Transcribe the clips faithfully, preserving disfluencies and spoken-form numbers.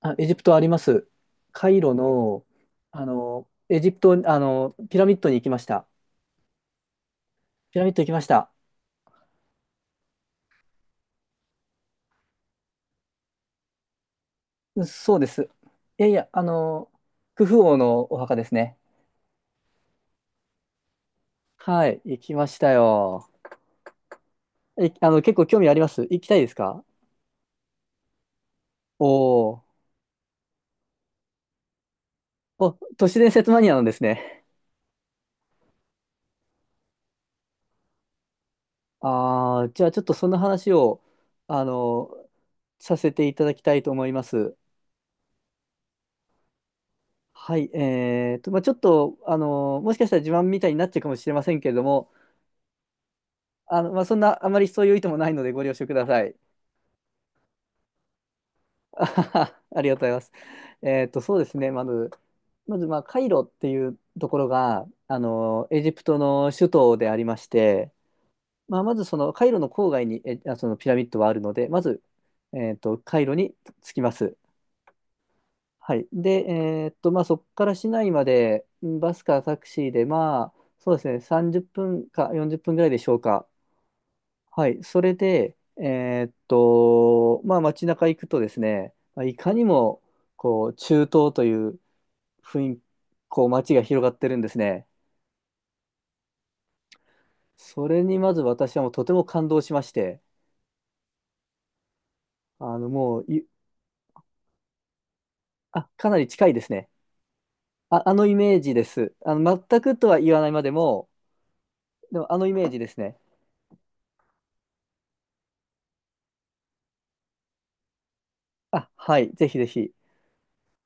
あ、エジプトあります。カイロの、あの、エジプト、あの、ピラミッドに行きました。ピラミッド行きました。そうです。いやいや、あの、クフ王のお墓ですね。はい、行きましたよ。い、あの、結構興味あります行きたいですか？おーお、都市伝説マニアなんですね。ああ、じゃあちょっとその話を、あの、させていただきたいと思います。はい、えーと、まあ、ちょっと、あの、もしかしたら自慢みたいになっちゃうかもしれませんけれども、あの、まあ、そんな、あまりそういう意図もないのでご了承ください。あははありがとうございます。えっと、そうですね、まず、まず、まあ、カイロっていうところが、あの、エジプトの首都でありまして、まあ、まずそのカイロの郊外に、え、あそのピラミッドはあるので、まず、えっと、カイロに着きます。はい。で、えっと、まあ、そこから市内まで、うんバスかタクシーで、まあ、そうですね、さんじゅっぷんかよんじゅっぷんぐらいでしょうか。はい、それで、えーっと、まあ、街中行くとですね、まあいかにもこう中東という雰囲気、こう街が広がってるんですね。それにまず私はもうとても感動しまして、あのもうい、あ、かなり近いですね。あ、あのイメージです。あの全くとは言わないまでも、でもあのイメージですね。あ、はい、ぜひぜひ。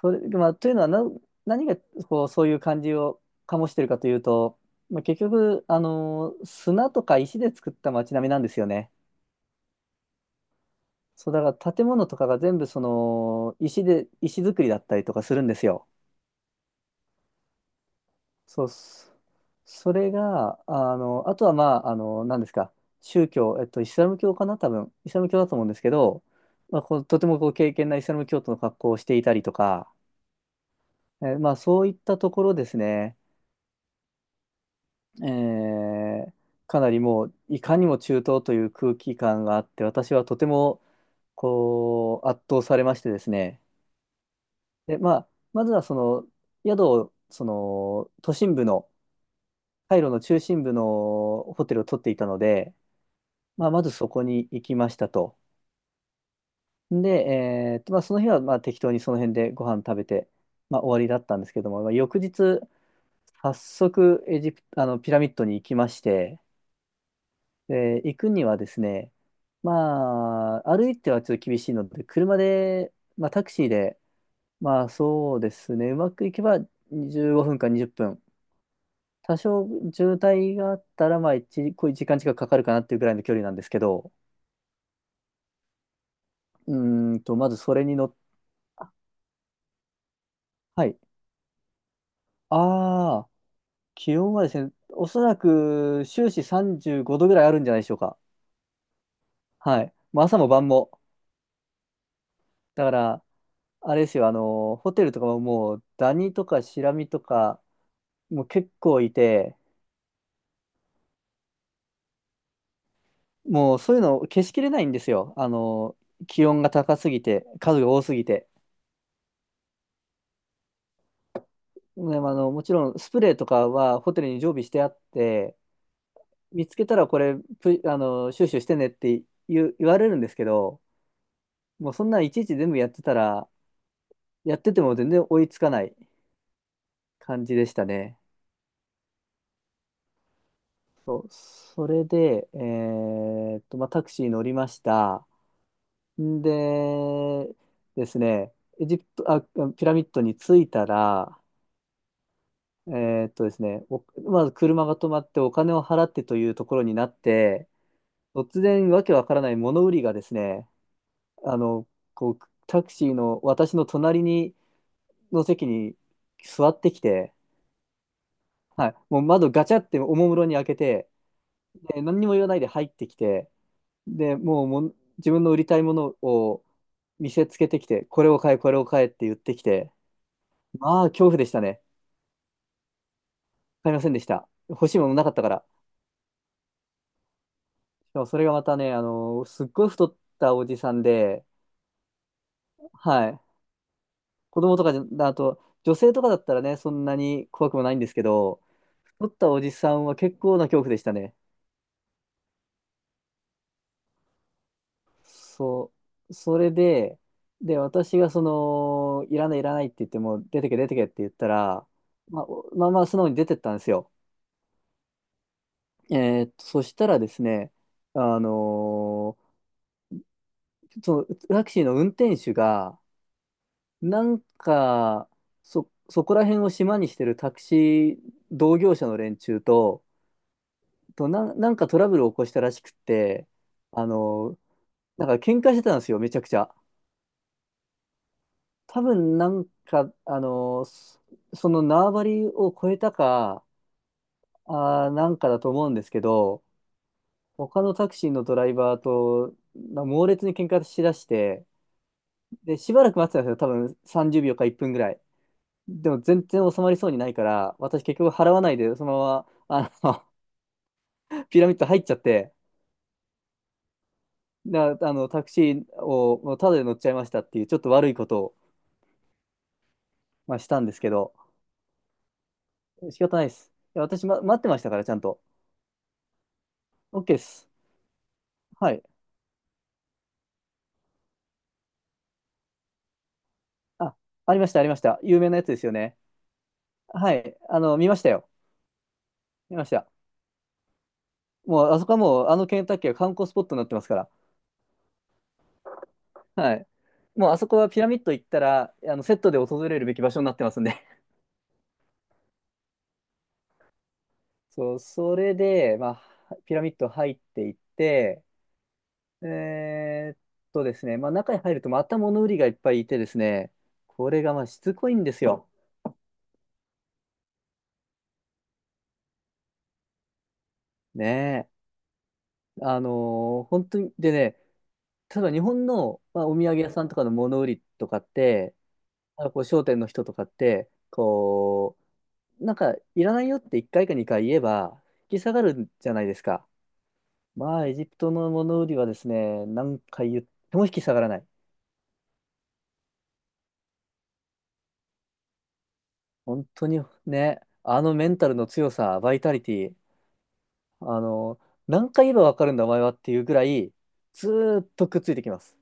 それ、まあ、というのはな、何がこうそういう感じを醸してるかというと、まあ、結局、あのー砂とか石で作った街並みなんですよね。そう、だから建物とかが全部その石で、石造りだったりとかするんですよ。そうっす、そそれが、あの、あとはまあ、あの、何ですか、宗教、えっと、イスラム教かな、多分、イスラム教だと思うんですけど、まあ、こうとてもこう敬虔なイスラム教徒の格好をしていたりとか、えーまあ、そういったところですね。えーかなりもういかにも中東という空気感があって、私はとてもこう圧倒されましてですね。で、まあ、まずはその宿をその都心部の、カイロの中心部のホテルを取っていたので、まあ、まずそこに行きましたと。で、えーっとまあ、その日はまあ適当にその辺でご飯食べて、まあ、終わりだったんですけども、まあ、翌日早速エジプあのピラミッドに行きまして。で、行くにはですね、まあ、歩いてはちょっと厳しいので、車で、まあ、タクシーで、まあ、そうですね、うまくいけばじゅうごふんかにじゅっぷん。多少渋滞があったら、まあ、いち、こう時間近くかかるかなっていうぐらいの距離なんですけど、うーんと、まずそれに乗っ、あはい。ああ、気温はですね、おそらく終始さんじゅうごどぐらいあるんじゃないでしょうか。はい。もう朝も晩も。だから、あれですよ、あの、ホテルとかももう、ダニとかシラミとか、もう結構いて、もうそういうの消しきれないんですよ。あの、気温が高すぎて、数が多すぎて。でもあの、もちろんスプレーとかはホテルに常備してあって、見つけたらこれ、プあの、収集してねって言う、言われるんですけど、もうそんなんいちいち全部やってたら、やってても全然追いつかない感じでしたね。そう、それで、えーっと、まあ、タクシー乗りました。で、ですね、エジプト、あ、ピラミッドに着いたら、えーっとですね、おまず車が止まってお金を払ってというところになって、突然わけわからない物売りがですね、あの、こう、タクシーの私の隣に、の席に座ってきて、はい、もう窓ガチャっておもむろに開けて、で、何にも言わないで入ってきて、で、もうもん自分の売りたいものを見せつけてきて、これを買え、これを買えって言ってきて、ああ、恐怖でしたね。買いませんでした。欲しいものなかったから。でもそれがまたね、あのすっごい太ったおじさんで、はい。子供とかじゃ、あと、女性とかだったらね、そんなに怖くもないんですけど、太ったおじさんは結構な恐怖でしたね。そう。それで、で、私がその、いらないいらないって言っても、出てけ出てけって言ったら、まあ、おまあまあ素直に出てったんですよ。えーっと、そしたらですね、あのーそのタクシーの運転手が、なんか、そ、そこら辺を島にしてるタクシー同業者の連中と、となん、なんかトラブルを起こしたらしくって、あの、なんか喧嘩してたんですよ、めちゃくちゃ。多分なんか、あの、そその縄張りを超えたか、あー、なんかだと思うんですけど、他のタクシーのドライバーとな猛烈に喧嘩しだして、で、しばらく待ってたんですよ、多分さんじゅうびょうかいっぷんぐらい。でも全然収まりそうにないから、私結局払わないで、そのまま、あの、ピラミッド入っちゃって、な、あの、タクシーをタダで乗っちゃいましたっていう、ちょっと悪いことを、まあ、したんですけど、仕方ないです。いや、私、ま、待ってましたから、ちゃんと。OK です。はい。あ、ありました、ありました。有名なやつですよね。はい。あの、見ましたよ。見ました。もう、あそこはもう、あのケンタッキーは観光スポットになってますから。はい。もう、あそこはピラミッド行ったら、あの、セットで訪れるべき場所になってますんで。そう、それで、まあ、ピラミッド入っていって、えーっとですね、まあ、中に入るとまた物売りがいっぱいいてですね、これがまあしつこいんですよ。ねえ。あのー本当に、でね、例えば日本の、まあ、お土産屋さんとかの物売りとかって、あのこう商店の人とかって、こう、なんか、いらないよっていっかいかにかい言えば、引き下がるじゃないですか。まあ、エジプトの物売りはですね、何回言っても引き下がらない。本当にね、あのメンタルの強さ、バイタリティ、あの、何回言えばわかるんだお前はっていうぐらい、ずーっとくっついてきます。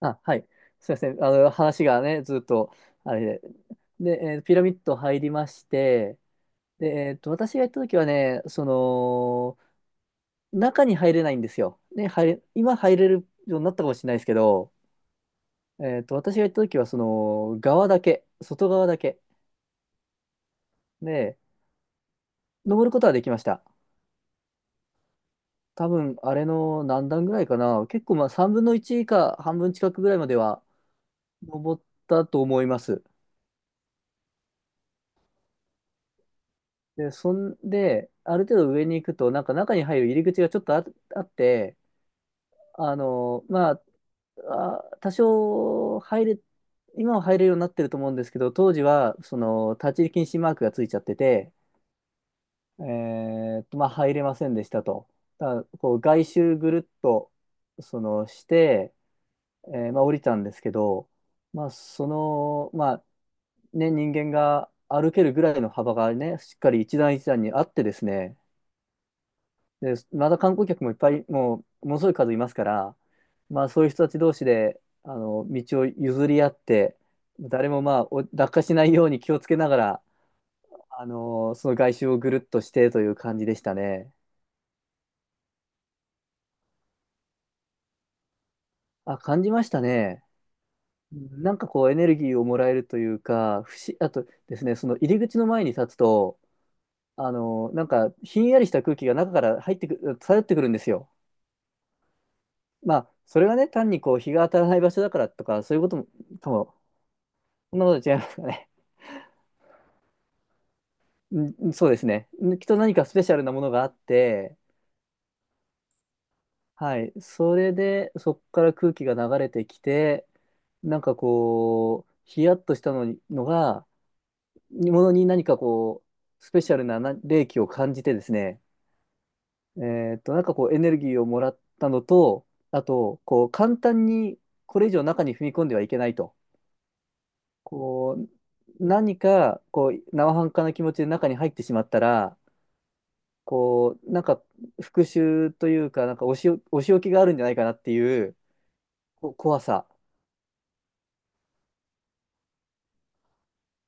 あ、はい。すいません。あの、話がね、ずっと、あれで。で、えーピラミッド入りまして、で、えーと、私が行った時はね、その、中に入れないんですよ。ね、入れ、今入れるようになったかもしれないですけど、えーと、私が行った時は、その、側だけ、外側だけで、登ることはできました。多分、あれの何段ぐらいかな。結構まあさんぶんのいち、下半分近くぐらいまでは登ったと思います。で、そんで、ある程度上に行くと、なんか中に入る入り口がちょっとあ、あって、あの、まあ、あ、多少入れ、今は入れるようになってると思うんですけど、当時はその立ち入り禁止マークがついちゃってて、えーっと、まあ入れませんでしたと。だからこう外周ぐるっとそのして、えーまあ、降りたんですけど、まあ、その、まあ、ね、人間が歩けるぐらいの幅がね、しっかり一段一段にあってですね、で、また観光客もいっぱい、もう、ものすごい数いますから、まあ、そういう人たち同士で、あの、道を譲り合って、誰もまあ、お落下しないように気をつけながら、あの、その外周をぐるっとしてという感じでしたね。あ、感じましたね。なんかこう、エネルギーをもらえるというか、不思あとですね、その入り口の前に立つと、あの、なんか、ひんやりした空気が中から入ってくる、漂ってくるんですよ。まあ、それがね、単にこう、日が当たらない場所だからとか、そういうことも、かも、そんなこと違いますかね。うん、そうですね。きっと何かスペシャルなものがあって、はい。それで、そこから空気が流れてきて、なんかこう、ヒヤッとしたのに、のが、ものに何かこう、スペシャルなな冷気を感じてですね、えーっと、なんかこうエネルギーをもらったのと、あと、こう簡単に、これ以上中に踏み込んではいけないと。こう、何かこう生半可な気持ちで中に入ってしまったら、こう、なんか復讐というか、なんかお仕、お仕置きがあるんじゃないかなっていうこ怖さ。